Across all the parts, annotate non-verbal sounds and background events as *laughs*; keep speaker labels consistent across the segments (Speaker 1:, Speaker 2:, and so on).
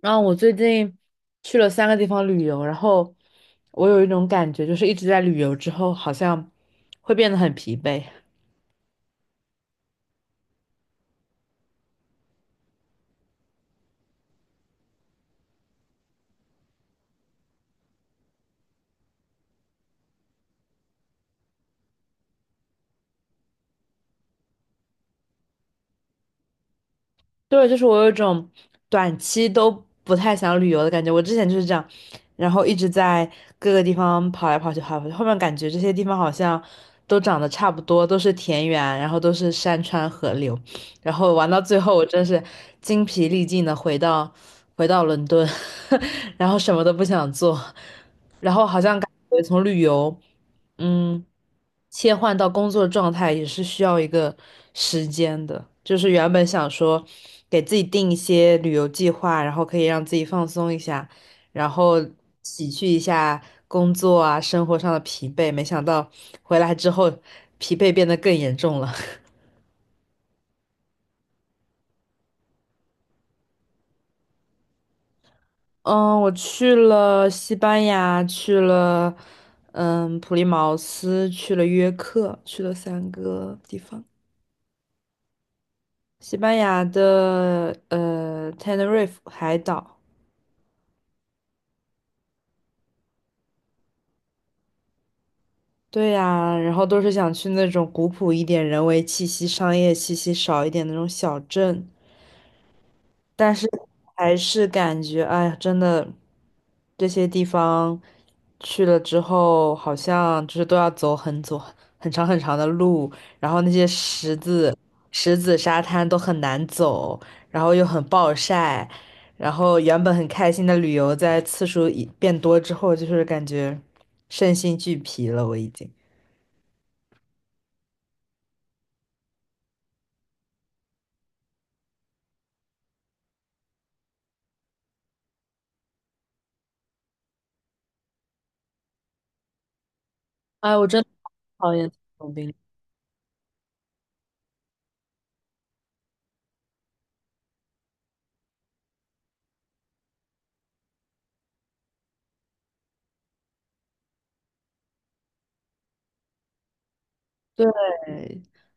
Speaker 1: 然后我最近去了三个地方旅游，然后我有一种感觉，就是一直在旅游之后，好像会变得很疲惫。对，就是我有一种短期都不太想旅游的感觉。我之前就是这样，然后一直在各个地方跑来跑去，跑来跑去。后面感觉这些地方好像都长得差不多，都是田园，然后都是山川河流。然后玩到最后，我真是精疲力尽的回到伦敦，*laughs* 然后什么都不想做，然后好像感觉从旅游，嗯，切换到工作状态也是需要一个时间的。就是原本想说给自己定一些旅游计划，然后可以让自己放松一下，然后洗去一下工作啊生活上的疲惫，没想到回来之后疲惫变得更严重了。嗯，我去了西班牙，去了普利茅斯，去了约克，去了三个地方。西班牙的Tenerife 海岛，对呀，然后都是想去那种古朴一点、人文气息、商业气息少一点的那种小镇。但是还是感觉，哎呀，真的，这些地方去了之后，好像就是都要走很长很长的路，然后那些石子、石子沙滩都很难走，然后又很暴晒，然后原本很开心的旅游，在次数一变多之后，就是感觉身心俱疲了，我已经。哎，我真的讨厌这种病。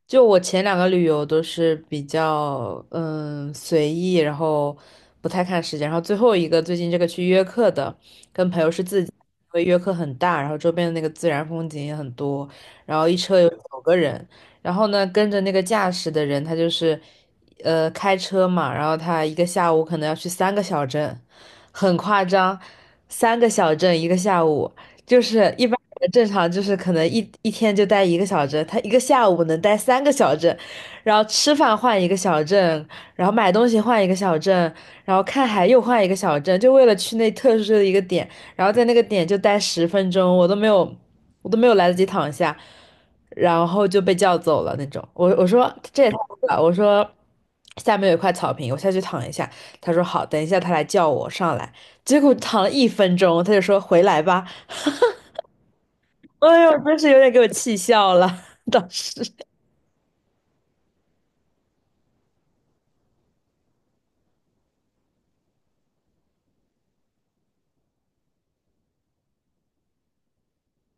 Speaker 1: 就我前两个旅游都是比较随意，然后不太看时间，然后最后一个最近这个去约克的，跟朋友是自己，因为约克很大，然后周边的那个自然风景也很多，然后一车有九个人，然后呢跟着那个驾驶的人，他就是开车嘛，然后他一个下午可能要去三个小镇，很夸张，三个小镇一个下午。就是一般人正常就是可能一天就待一个小镇，他一个下午能待三个小镇，然后吃饭换一个小镇，然后买东西换一个小镇，然后看海又换一个小镇，就为了去那特殊的一个点，然后在那个点就待十分钟，我都没有，我都没有来得及躺下，然后就被叫走了那种。我说这也太酷了，我说下面有一块草坪，我下去躺一下。他说好，等一下他来叫我上来。结果躺了一分钟，他就说回来吧。哎呦，真是有点给我气笑了，*laughs* 当时。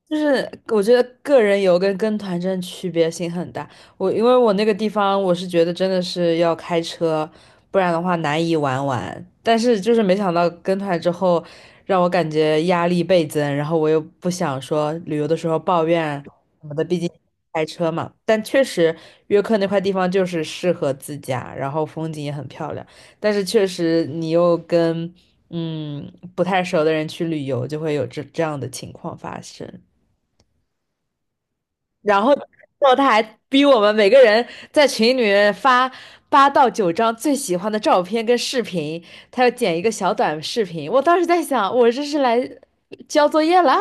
Speaker 1: 就是我觉得个人游跟跟团真的区别性很大。我因为我那个地方，我是觉得真的是要开车，不然的话难以玩完。但是就是没想到跟团之后，让我感觉压力倍增，然后我又不想说旅游的时候抱怨什么的，毕竟开车嘛。但确实约克那块地方就是适合自驾，然后风景也很漂亮。但是确实你又跟不太熟的人去旅游，就会有这样的情况发生。然后，然后他还逼我们每个人在群里面发八到九张最喜欢的照片跟视频，他要剪一个小短视频。我当时在想，我这是来交作业啦。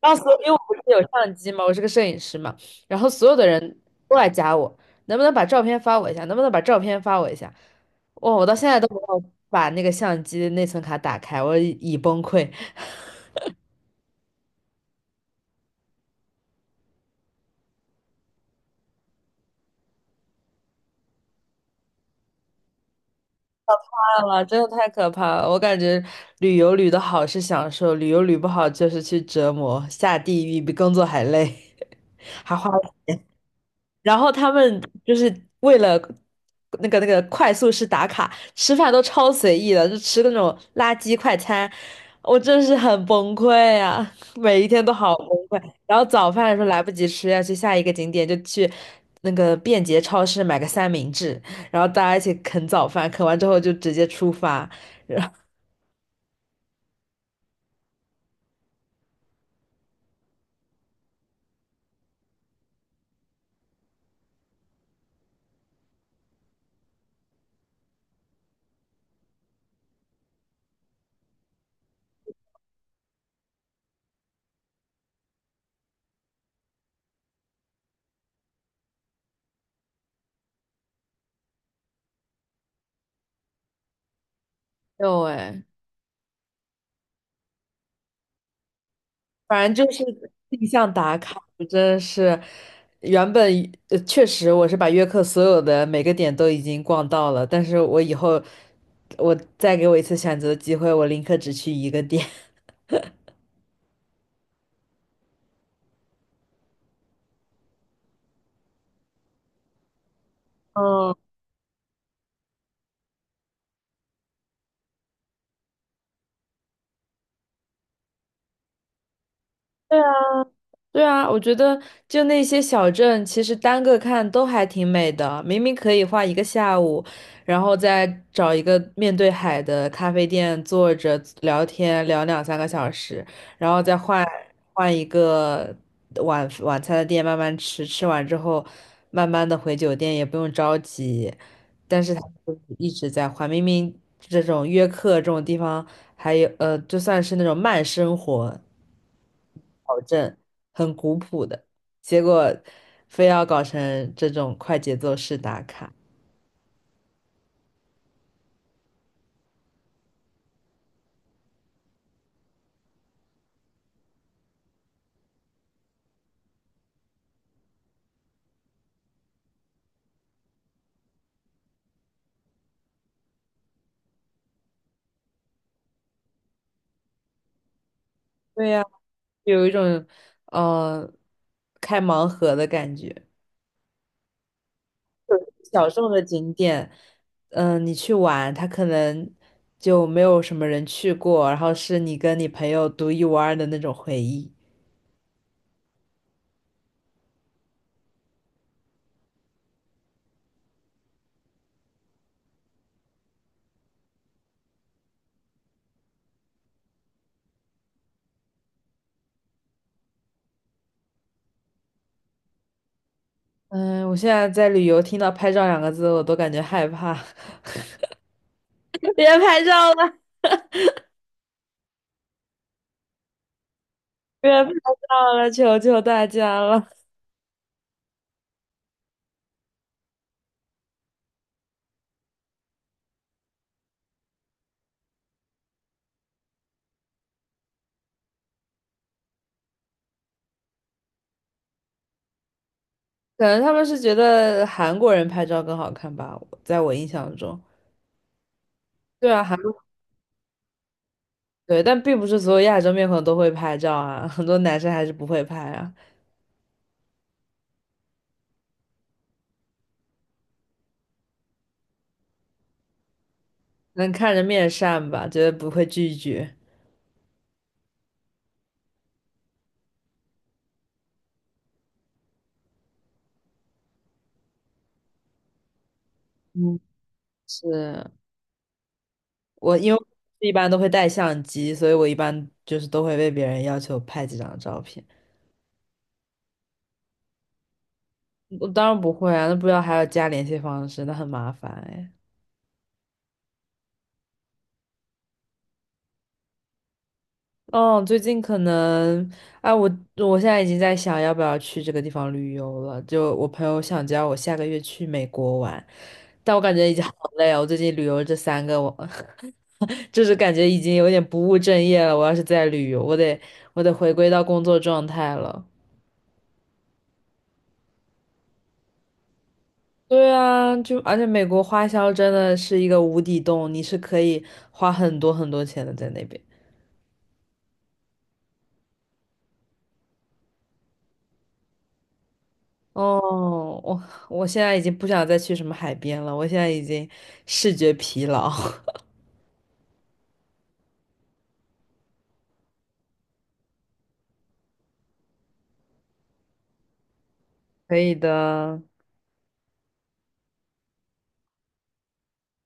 Speaker 1: 然后所有因为我不是有相机嘛，我是个摄影师嘛，然后所有的人都来加我，能不能把照片发我一下？能不能把照片发我一下？哇，我到现在都没有把那个相机内存卡打开，我已崩溃。怕了真的太可怕了！我感觉旅游旅的好是享受，旅游旅不好就是去折磨，下地狱比工作还累，*laughs* 还花。然后他们就是为了那个快速式打卡，吃饭都超随意的，就吃那种垃圾快餐，我真是很崩溃啊！每一天都好崩溃。然后早饭的时候来不及吃，要去下一个景点，就去那个便捷超市买个三明治，然后大家一起啃早饭，啃完之后就直接出发。有哎，反正就是定向打卡，我真的是原本确实我是把约克所有的每个点都已经逛到了，但是我以后我再给我一次选择的机会，我宁可只去一个点。*laughs* 嗯，对啊，我觉得就那些小镇，其实单个看都还挺美的。明明可以画一个下午，然后再找一个面对海的咖啡店坐着聊天，聊两三个小时，然后再换一个晚餐的店慢慢吃，吃完之后慢慢的回酒店，也不用着急。但是他就是一直在换，明明这种约克这种地方。还有，就算是那种慢生活保证很古朴的，结果非要搞成这种快节奏式打卡。对呀，有一种呃开盲盒的感觉。小众的景点，你去玩，它可能就没有什么人去过，然后是你跟你朋友独一无二的那种回忆。嗯，我现在在旅游，听到"拍照"两个字，我都感觉害怕，*laughs* 别拍照了。*laughs* 别拍照了，求求大家了。可能他们是觉得韩国人拍照更好看吧，在我印象中。对啊，韩国对，但并不是所有亚洲面孔都会拍照啊，很多男生还是不会拍啊。能看着面善吧，觉得不会拒绝。嗯，是。我，因为一般都会带相机，所以我一般就是都会被别人要求拍几张照片。我当然不会啊，那不要还要加联系方式，那很麻烦哎。哦，最近可能，啊，我现在已经在想要不要去这个地方旅游了。就我朋友想叫我下个月去美国玩，但我感觉已经好 *laughs* 累啊。我最近旅游这三个，我 *laughs* 就是感觉已经有点不务正业了。我要是在旅游，我得回归到工作状态了。对啊，就而且美国花销真的是一个无底洞，你是可以花很多很多钱的在那边。哦，我现在已经不想再去什么海边了，我现在已经视觉疲劳。*laughs* 可以的。